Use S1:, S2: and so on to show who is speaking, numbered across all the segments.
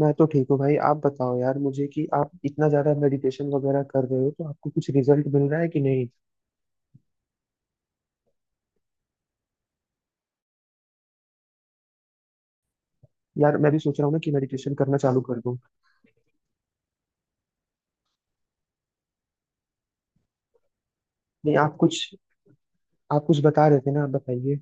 S1: मैं तो ठीक हूँ भाई। आप बताओ यार मुझे, कि आप इतना ज्यादा मेडिटेशन वगैरह कर रहे हो तो आपको कुछ रिजल्ट मिल रहा है कि नहीं? यार मैं भी सोच रहा हूँ ना कि मेडिटेशन करना चालू कर दूँ। नहीं, आप कुछ बता रहे थे ना, आप बताइए।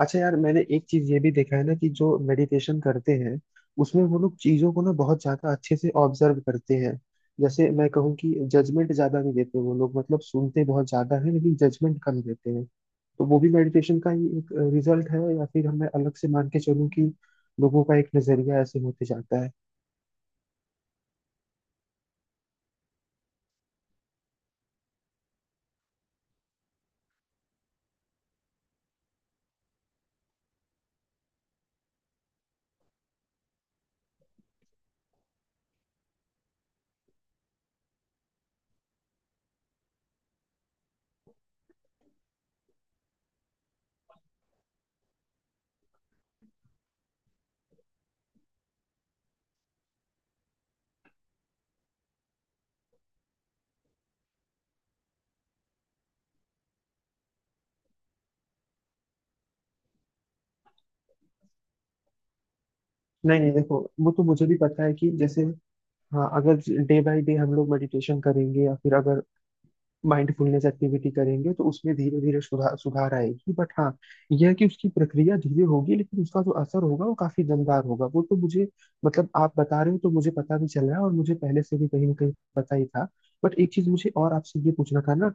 S1: अच्छा यार, मैंने एक चीज ये भी देखा है ना कि जो मेडिटेशन करते हैं उसमें वो लोग चीजों को ना बहुत ज्यादा अच्छे से ऑब्जर्व करते हैं। जैसे मैं कहूँ कि जजमेंट ज्यादा नहीं देते वो लोग, मतलब सुनते बहुत ज्यादा है लेकिन जजमेंट कम देते हैं। तो वो भी मेडिटेशन का ही एक रिजल्ट है, या फिर हमें अलग से मान के चलूं कि लोगों का एक नजरिया ऐसे होते जाता है? नहीं नहीं, देखो वो तो मुझे भी पता है कि जैसे... हाँ, अगर डे बाय डे हम लोग मेडिटेशन करेंगे या फिर अगर माइंडफुलनेस एक्टिविटी करेंगे तो उसमें धीरे धीरे सुधार सुधार आएगी। बट हाँ, यह है कि उसकी प्रक्रिया धीरे होगी लेकिन उसका जो असर होगा वो काफी दमदार होगा। वो तो मुझे मतलब, आप बता रहे हो तो मुझे पता भी चल रहा है और मुझे पहले से भी कहीं ना कहीं पता ही था। बट एक चीज मुझे और आपसे ये पूछना था ना,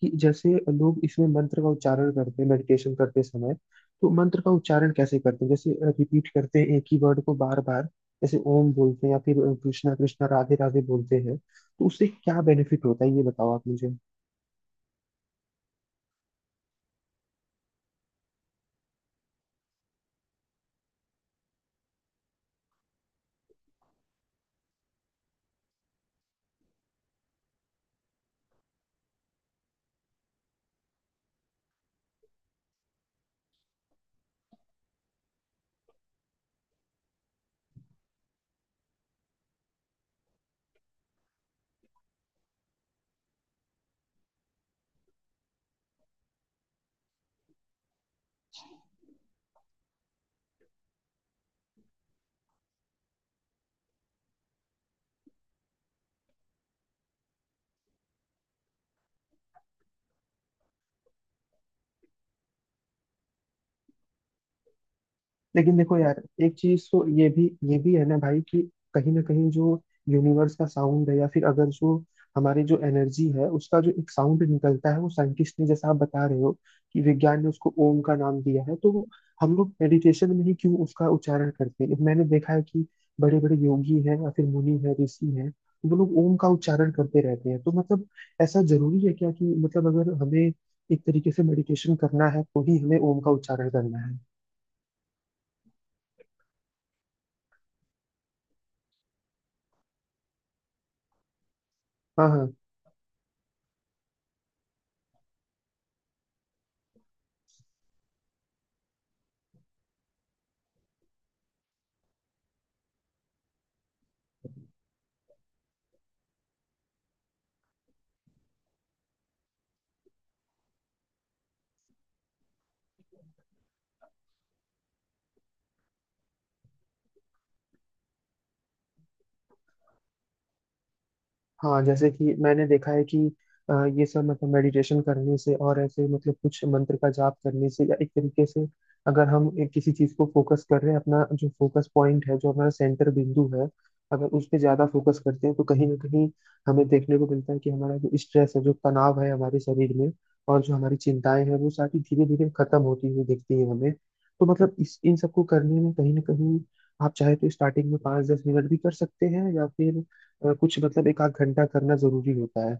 S1: कि जैसे लोग इसमें मंत्र का उच्चारण करते हैं मेडिटेशन करते समय, तो मंत्र का उच्चारण कैसे करते हैं? जैसे रिपीट करते हैं एक ही वर्ड को बार बार, जैसे ओम बोलते हैं या फिर कृष्णा कृष्णा राधे राधे बोलते हैं, तो उससे क्या बेनिफिट होता है? ये बताओ आप मुझे। लेकिन देखो यार, एक चीज तो ये भी... है ना भाई, कि कहीं ना कहीं जो यूनिवर्स का साउंड है या फिर अगर जो हमारी जो एनर्जी है उसका जो एक साउंड निकलता है वो साइंटिस्ट ने, जैसा आप बता रहे हो कि विज्ञान ने उसको ओम का नाम दिया है, तो वो हम लोग मेडिटेशन में ही क्यों उसका उच्चारण करते हैं? मैंने देखा है कि बड़े बड़े योगी हैं या फिर मुनि हैं, ऋषि हैं, वो लोग ओम का उच्चारण करते रहते हैं। तो मतलब ऐसा जरूरी है क्या कि मतलब अगर हमें एक तरीके से मेडिटेशन करना है तो ही हमें ओम का उच्चारण करना है? हाँ, हाँ। हाँ, जैसे कि मैंने देखा है कि अ, ये सब मतलब मेडिटेशन करने से, और ऐसे मतलब कुछ मंत्र का जाप करने से या एक तरीके से अगर हम एक किसी चीज को फोकस कर रहे हैं, अपना जो फोकस पॉइंट है, जो हमारा सेंटर बिंदु है, अगर उस पे ज्यादा फोकस करते हैं तो कहीं ना कहीं हमें देखने को मिलता है कि हमारा जो स्ट्रेस है, जो तनाव है हमारे शरीर में, और जो हमारी चिंताएं हैं, वो सारी धीरे धीरे खत्म होती हुई दिखती है हमें। तो मतलब इस इन सबको करने में कहीं ना कहीं, आप चाहे तो स्टार्टिंग में पाँच दस मिनट भी कर सकते हैं, या फिर कुछ मतलब एक आध घंटा करना जरूरी होता है?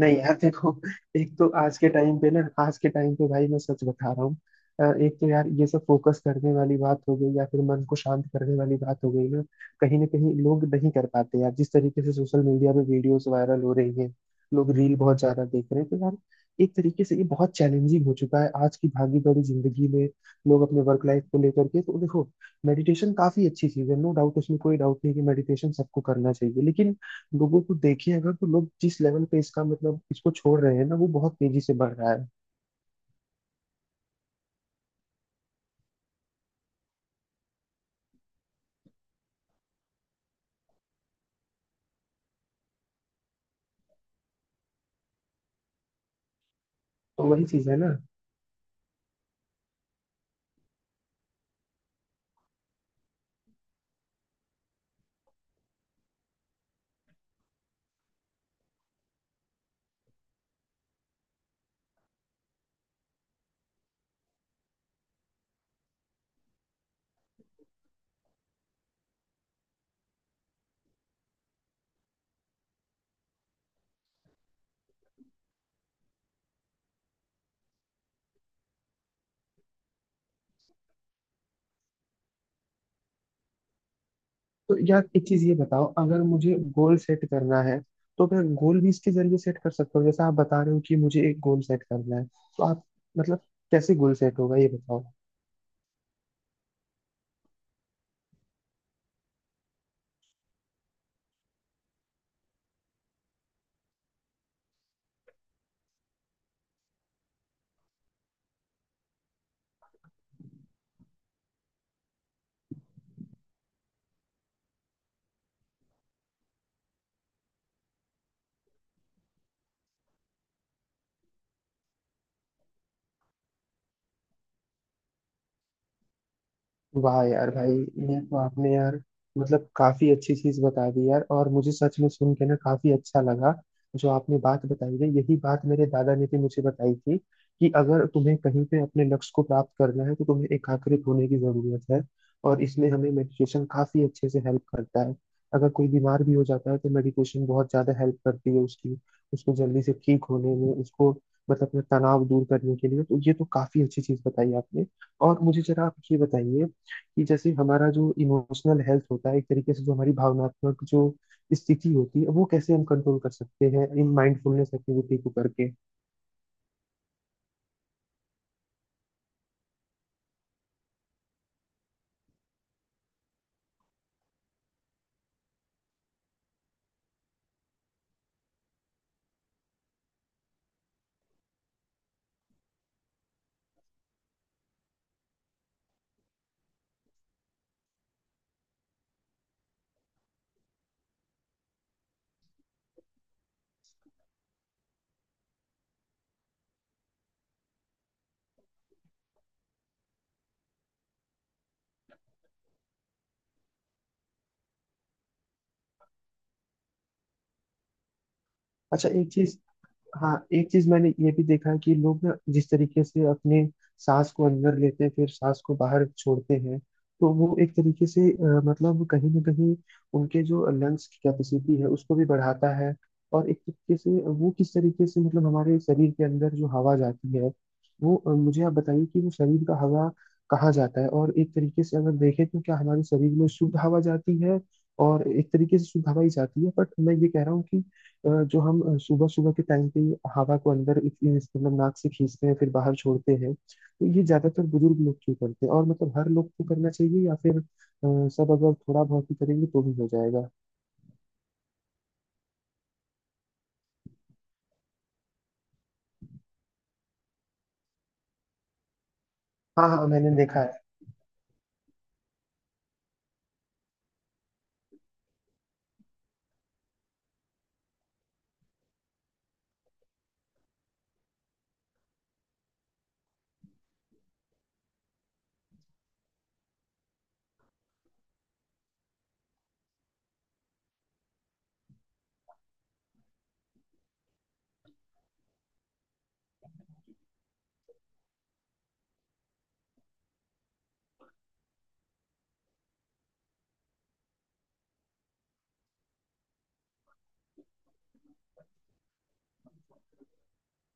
S1: नहीं यार देखो, एक तो आज के टाइम पे ना, आज के टाइम पे भाई मैं सच बता रहा हूँ। एक तो यार ये सब फोकस करने वाली बात हो गई या फिर मन को शांत करने वाली बात हो गई ना, कहीं ना कहीं लोग नहीं कर पाते यार। जिस तरीके से सोशल मीडिया पे वीडियोस वायरल हो रही हैं, लोग रील बहुत ज्यादा देख रहे हैं, तो यार एक तरीके से ये बहुत चैलेंजिंग हो चुका है आज की भागी दौड़ी जिंदगी में। लोग अपने वर्क लाइफ को लेकर के, तो देखो मेडिटेशन काफी अच्छी चीज है, नो डाउट। उसमें कोई डाउट नहीं कि मेडिटेशन सबको करना चाहिए, लेकिन लोगों को देखिए अगर, तो लोग जिस लेवल पे इसका मतलब इसको छोड़ रहे हैं ना, वो बहुत तेजी से बढ़ रहा है। तो वही चीज है ना। तो यार एक चीज ये बताओ, अगर मुझे गोल सेट करना है तो मैं गोल भी इसके जरिए सेट कर सकता हूँ? जैसा आप बता रहे हो कि मुझे एक गोल सेट करना है, तो आप, मतलब, कैसे गोल सेट होगा ये बताओ। वाह यार भाई, ये तो आपने यार मतलब काफी अच्छी चीज बता दी यार, और मुझे सच में सुन के ना काफी अच्छा लगा। जो आपने बात बताई है, यही बात मेरे दादा ने भी मुझे बताई थी, कि अगर तुम्हें कहीं पे अपने लक्ष्य को प्राप्त करना है तो तुम्हें एकाग्रित होने की जरूरत है, और इसमें हमें मेडिटेशन काफी अच्छे से हेल्प करता है। अगर कोई बीमार भी हो जाता है तो मेडिटेशन बहुत ज्यादा हेल्प करती है उसकी, उसको जल्दी से ठीक होने में, उसको मतलब अपना तनाव दूर करने के लिए। तो ये तो काफी अच्छी चीज बताई आपने। और मुझे जरा आप ये बताइए, कि जैसे हमारा जो इमोशनल हेल्थ होता है, एक तरीके से जो हमारी भावनात्मक जो स्थिति होती है, वो कैसे हम कंट्रोल कर सकते हैं इन माइंडफुलनेस एक्टिविटी को करके? अच्छा एक चीज... हाँ, एक चीज मैंने ये भी देखा है कि लोग ना जिस तरीके से अपने सांस को अंदर लेते हैं फिर सांस को बाहर छोड़ते हैं, तो वो एक तरीके से मतलब कहीं ना कहीं उनके जो लंग्स की कैपेसिटी है उसको भी बढ़ाता है। और एक तरीके से वो किस तरीके से मतलब हमारे शरीर के अंदर जो हवा जाती है वो, मुझे आप बताइए कि वो शरीर का हवा कहाँ जाता है? और एक तरीके से अगर देखें, तो क्या हमारे शरीर में शुद्ध हवा जाती है? और एक तरीके से शुद्ध हवा ही जाती है, बट मैं ये कह रहा हूँ कि जो हम सुबह सुबह के टाइम पे ही हवा को अंदर मतलब नाक से खींचते हैं फिर बाहर छोड़ते हैं, तो ये ज्यादातर बुजुर्ग लोग क्यों करते हैं, और मतलब हर लोग को करना चाहिए, या फिर अ, सब अगर थोड़ा बहुत ही करेंगे तो भी हो जाएगा? हाँ हाँ, मैंने देखा है।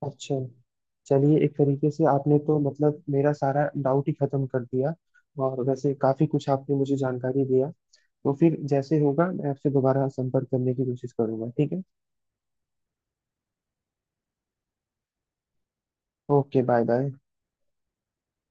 S1: अच्छा, चलिए एक तरीके से आपने तो मतलब मेरा सारा डाउट ही खत्म कर दिया, और वैसे काफी कुछ आपने मुझे जानकारी दिया। तो फिर जैसे होगा मैं आपसे दोबारा संपर्क करने की कोशिश करूंगा, ठीक है। Okay, bye bye.